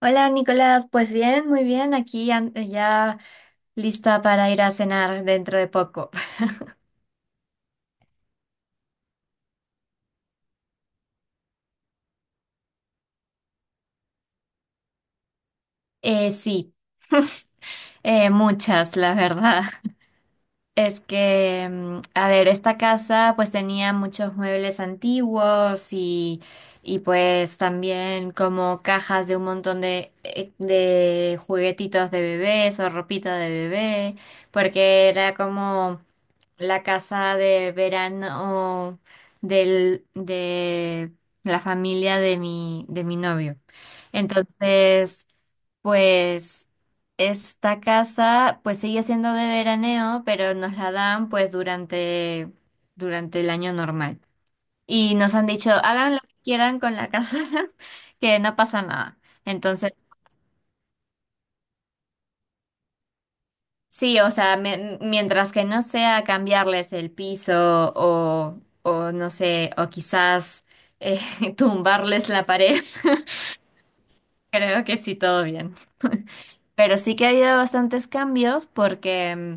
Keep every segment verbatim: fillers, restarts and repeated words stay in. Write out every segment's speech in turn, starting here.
Hola Nicolás, pues bien, muy bien, aquí an- eh, ya lista para ir a cenar dentro de poco. Eh, sí, eh, muchas, la verdad. Es que, mm, a ver, esta casa pues tenía muchos muebles antiguos y, y pues también como cajas de un montón de, eh, de juguetitos de bebés o ropita de bebé, porque era como la casa de verano del, de la familia de mi, de mi novio. Entonces, pues esta casa pues sigue siendo de veraneo, pero nos la dan pues durante, durante el año normal. Y nos han dicho, hagan lo que quieran con la casa. Que no pasa nada. Entonces, sí, o sea, me- mientras que no sea cambiarles el piso o, o no sé, o quizás eh, tumbarles la pared, creo que sí, todo bien. Pero sí que ha habido bastantes cambios porque, mm,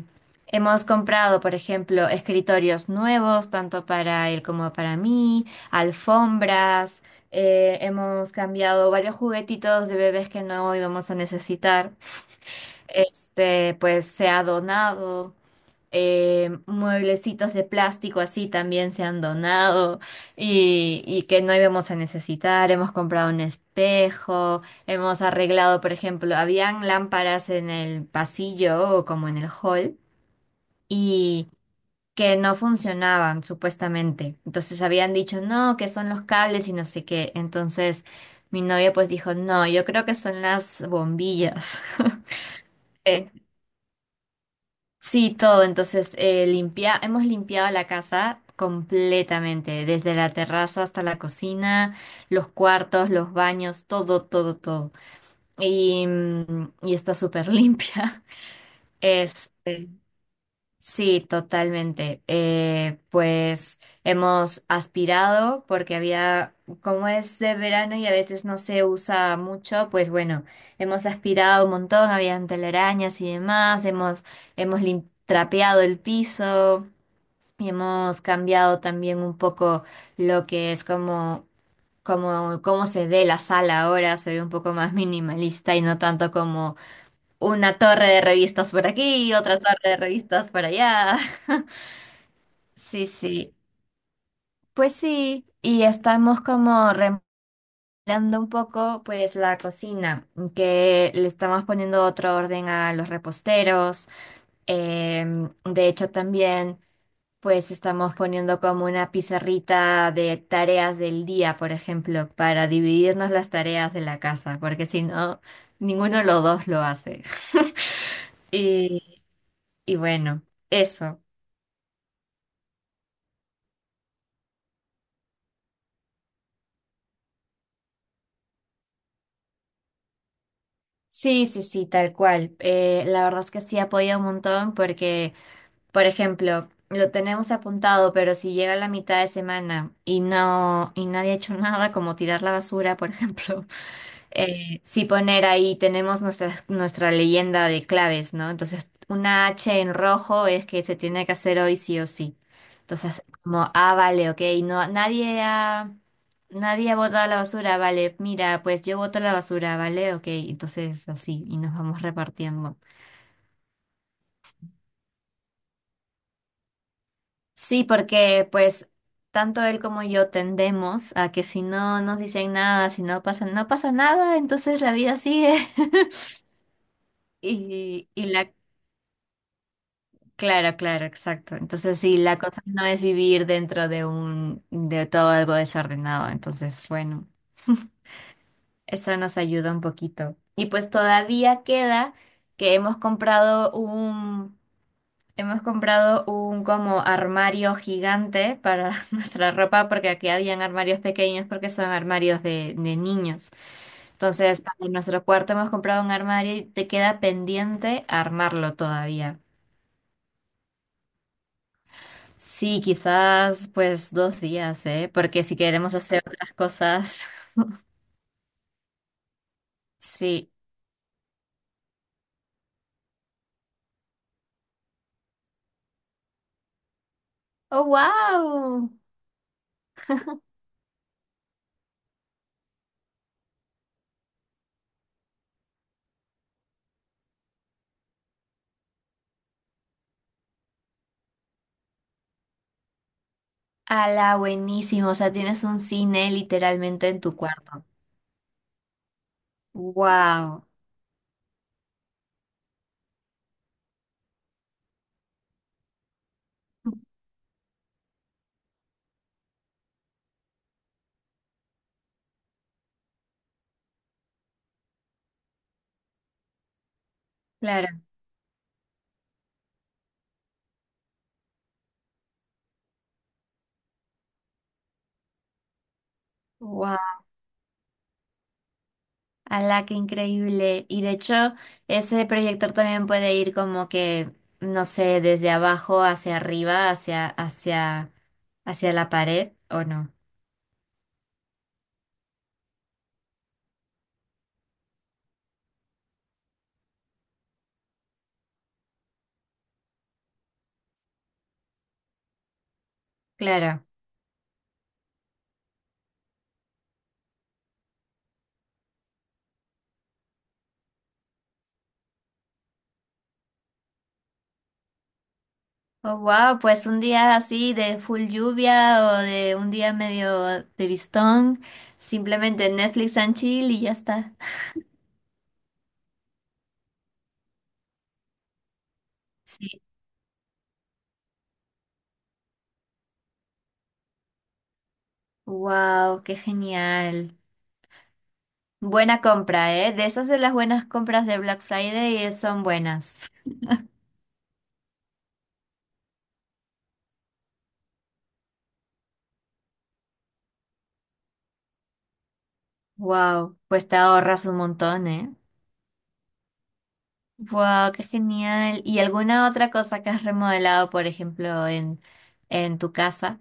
hemos comprado, por ejemplo, escritorios nuevos, tanto para él como para mí, alfombras, eh, hemos cambiado varios juguetitos de bebés que no íbamos a necesitar. Este, pues se ha donado, eh, mueblecitos de plástico así también se han donado y, y que no íbamos a necesitar. Hemos comprado un espejo, hemos arreglado, por ejemplo, habían lámparas en el pasillo o como en el hall y que no funcionaban supuestamente. Entonces habían dicho, no, que son los cables y no sé qué. Entonces mi novia pues dijo, no, yo creo que son las bombillas. Sí, todo. Entonces, eh, limpia- hemos limpiado la casa completamente, desde la terraza hasta la cocina, los cuartos, los baños, todo, todo, todo. Y, mm, y está súper limpia. Este, sí, totalmente. Eh, pues hemos aspirado porque había, como es de verano y a veces no se usa mucho, pues bueno, hemos aspirado un montón, habían telarañas y demás, hemos, hemos lim- trapeado el piso y hemos cambiado también un poco lo que es como, como, cómo se ve la sala ahora, se ve un poco más minimalista y no tanto como una torre de revistas por aquí y otra torre de revistas por allá. Sí, sí. Pues sí, y estamos como remodelando un poco pues la cocina, que le estamos poniendo otro orden a los reposteros. Em, de hecho también pues estamos poniendo como una pizarrita de tareas del día, por ejemplo, para dividirnos las tareas de la casa, porque si no, ninguno de los dos lo hace. Y, y bueno, eso. Sí, sí, sí, tal cual. Eh, la verdad es que sí apoya un montón porque, por ejemplo, lo tenemos apuntado, pero si llega la mitad de semana y no, y nadie ha hecho nada, como tirar la basura, por ejemplo, eh, sí poner ahí, tenemos nuestra, nuestra leyenda de claves, ¿no? Entonces, una H en rojo es que se tiene que hacer hoy sí o sí. Entonces, como, ah, vale, ok, no, nadie ha, nadie ha botado la basura, vale, mira, pues yo boto la basura, vale, ok, entonces así, y nos vamos repartiendo. Sí, porque pues tanto él como yo tendemos a que si no nos dicen nada, si no pasa, no pasa nada, entonces la vida sigue. Y, y la claro, claro, exacto. Entonces, sí, la cosa no es vivir dentro de un, de todo algo desordenado. Entonces, bueno, eso nos ayuda un poquito. Y pues todavía queda que hemos comprado un, hemos comprado un como armario gigante para nuestra ropa, porque aquí habían armarios pequeños porque son armarios de, de niños. Entonces, para nuestro cuarto hemos comprado un armario y te queda pendiente armarlo todavía. Sí, quizás pues dos días, ¿eh? Porque si queremos hacer otras cosas, sí. ¡Oh, wow! ¡Hala, buenísimo! O sea, tienes un cine literalmente en tu cuarto. ¡Wow! Claro. ¡Wow! ¡Hala, qué increíble! Y de hecho, ese proyector también puede ir como que, no sé, desde abajo hacia arriba, hacia, hacia, hacia la pared, ¿o no? Claro. Oh, wow, pues un día así de full lluvia o de un día medio tristón, simplemente Netflix and chill y ya está. Sí. Wow, qué genial. Buena compra, ¿eh? De esas de las buenas compras de Black Friday, eh, son buenas. Wow, pues te ahorras un montón, ¿eh? Wow, qué genial. ¿Y alguna otra cosa que has remodelado, por ejemplo, en, en tu casa?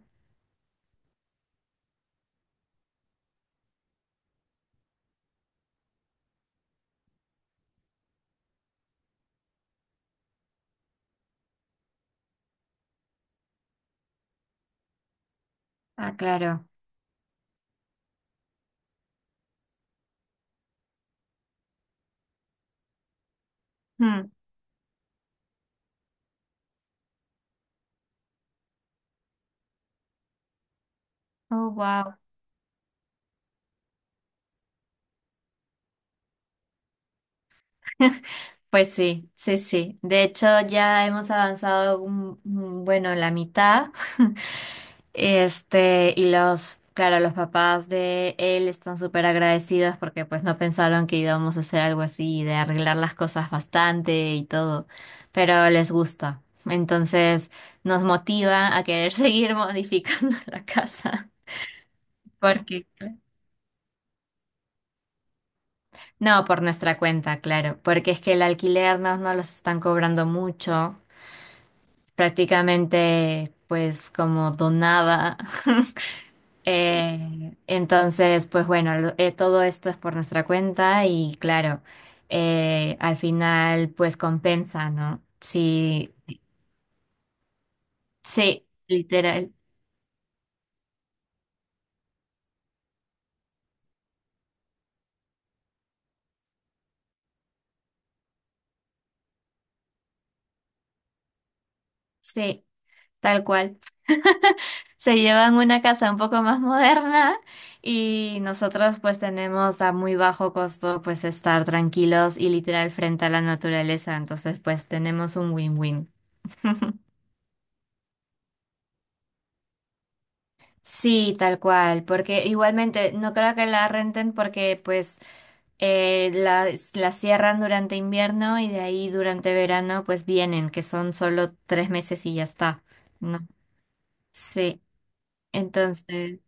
Ah, claro. Hmm. Oh, wow. Pues sí, sí, sí. De hecho, ya hemos avanzado, un- un- bueno, la mitad. Este, y los, claro, los papás de él están súper agradecidos porque pues no pensaron que íbamos a hacer algo así, de arreglar las cosas bastante y todo, pero les gusta. Entonces nos motiva a querer seguir modificando la casa. Porque no, por nuestra cuenta, claro, porque es que el alquiler no, no los están cobrando mucho. Prácticamente pues como donada. Eh, entonces, pues bueno, lo- eh, todo esto es por nuestra cuenta y claro, eh, al final pues compensa, ¿no? Sí, sí, literal, sí, tal cual. Se llevan una casa un poco más moderna y nosotros pues tenemos a muy bajo costo pues estar tranquilos y literal frente a la naturaleza, entonces pues tenemos un win-win. Sí, tal cual, porque igualmente no creo que la renten porque pues, eh, la, la cierran durante invierno y de ahí durante verano pues vienen, que son solo tres meses y ya está, ¿no? Sí, entonces,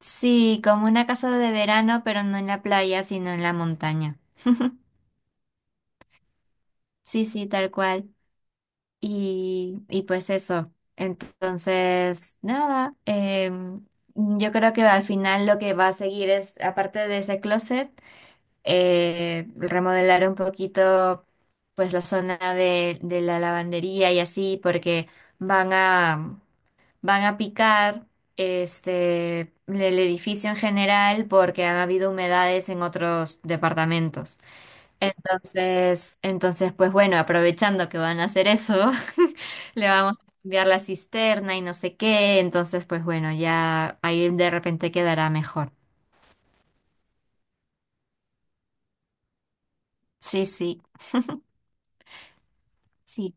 sí, como una casa de verano, pero no en la playa, sino en la montaña. Sí, sí, tal cual. Y, y pues eso. Entonces, nada, em, yo creo que al final lo que va a seguir es, aparte de ese closet, eh, remodelar un poquito pues la zona de, de la lavandería y así porque van a van a picar este el edificio en general porque han habido humedades en otros departamentos. Entonces, entonces pues bueno, aprovechando que van a hacer eso, le vamos a cambiar la cisterna y no sé qué, entonces pues bueno, ya ahí de repente quedará mejor. Sí, sí, sí.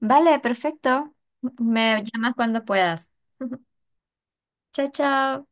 Vale, perfecto. Me llamas cuando puedas. Chao, chao.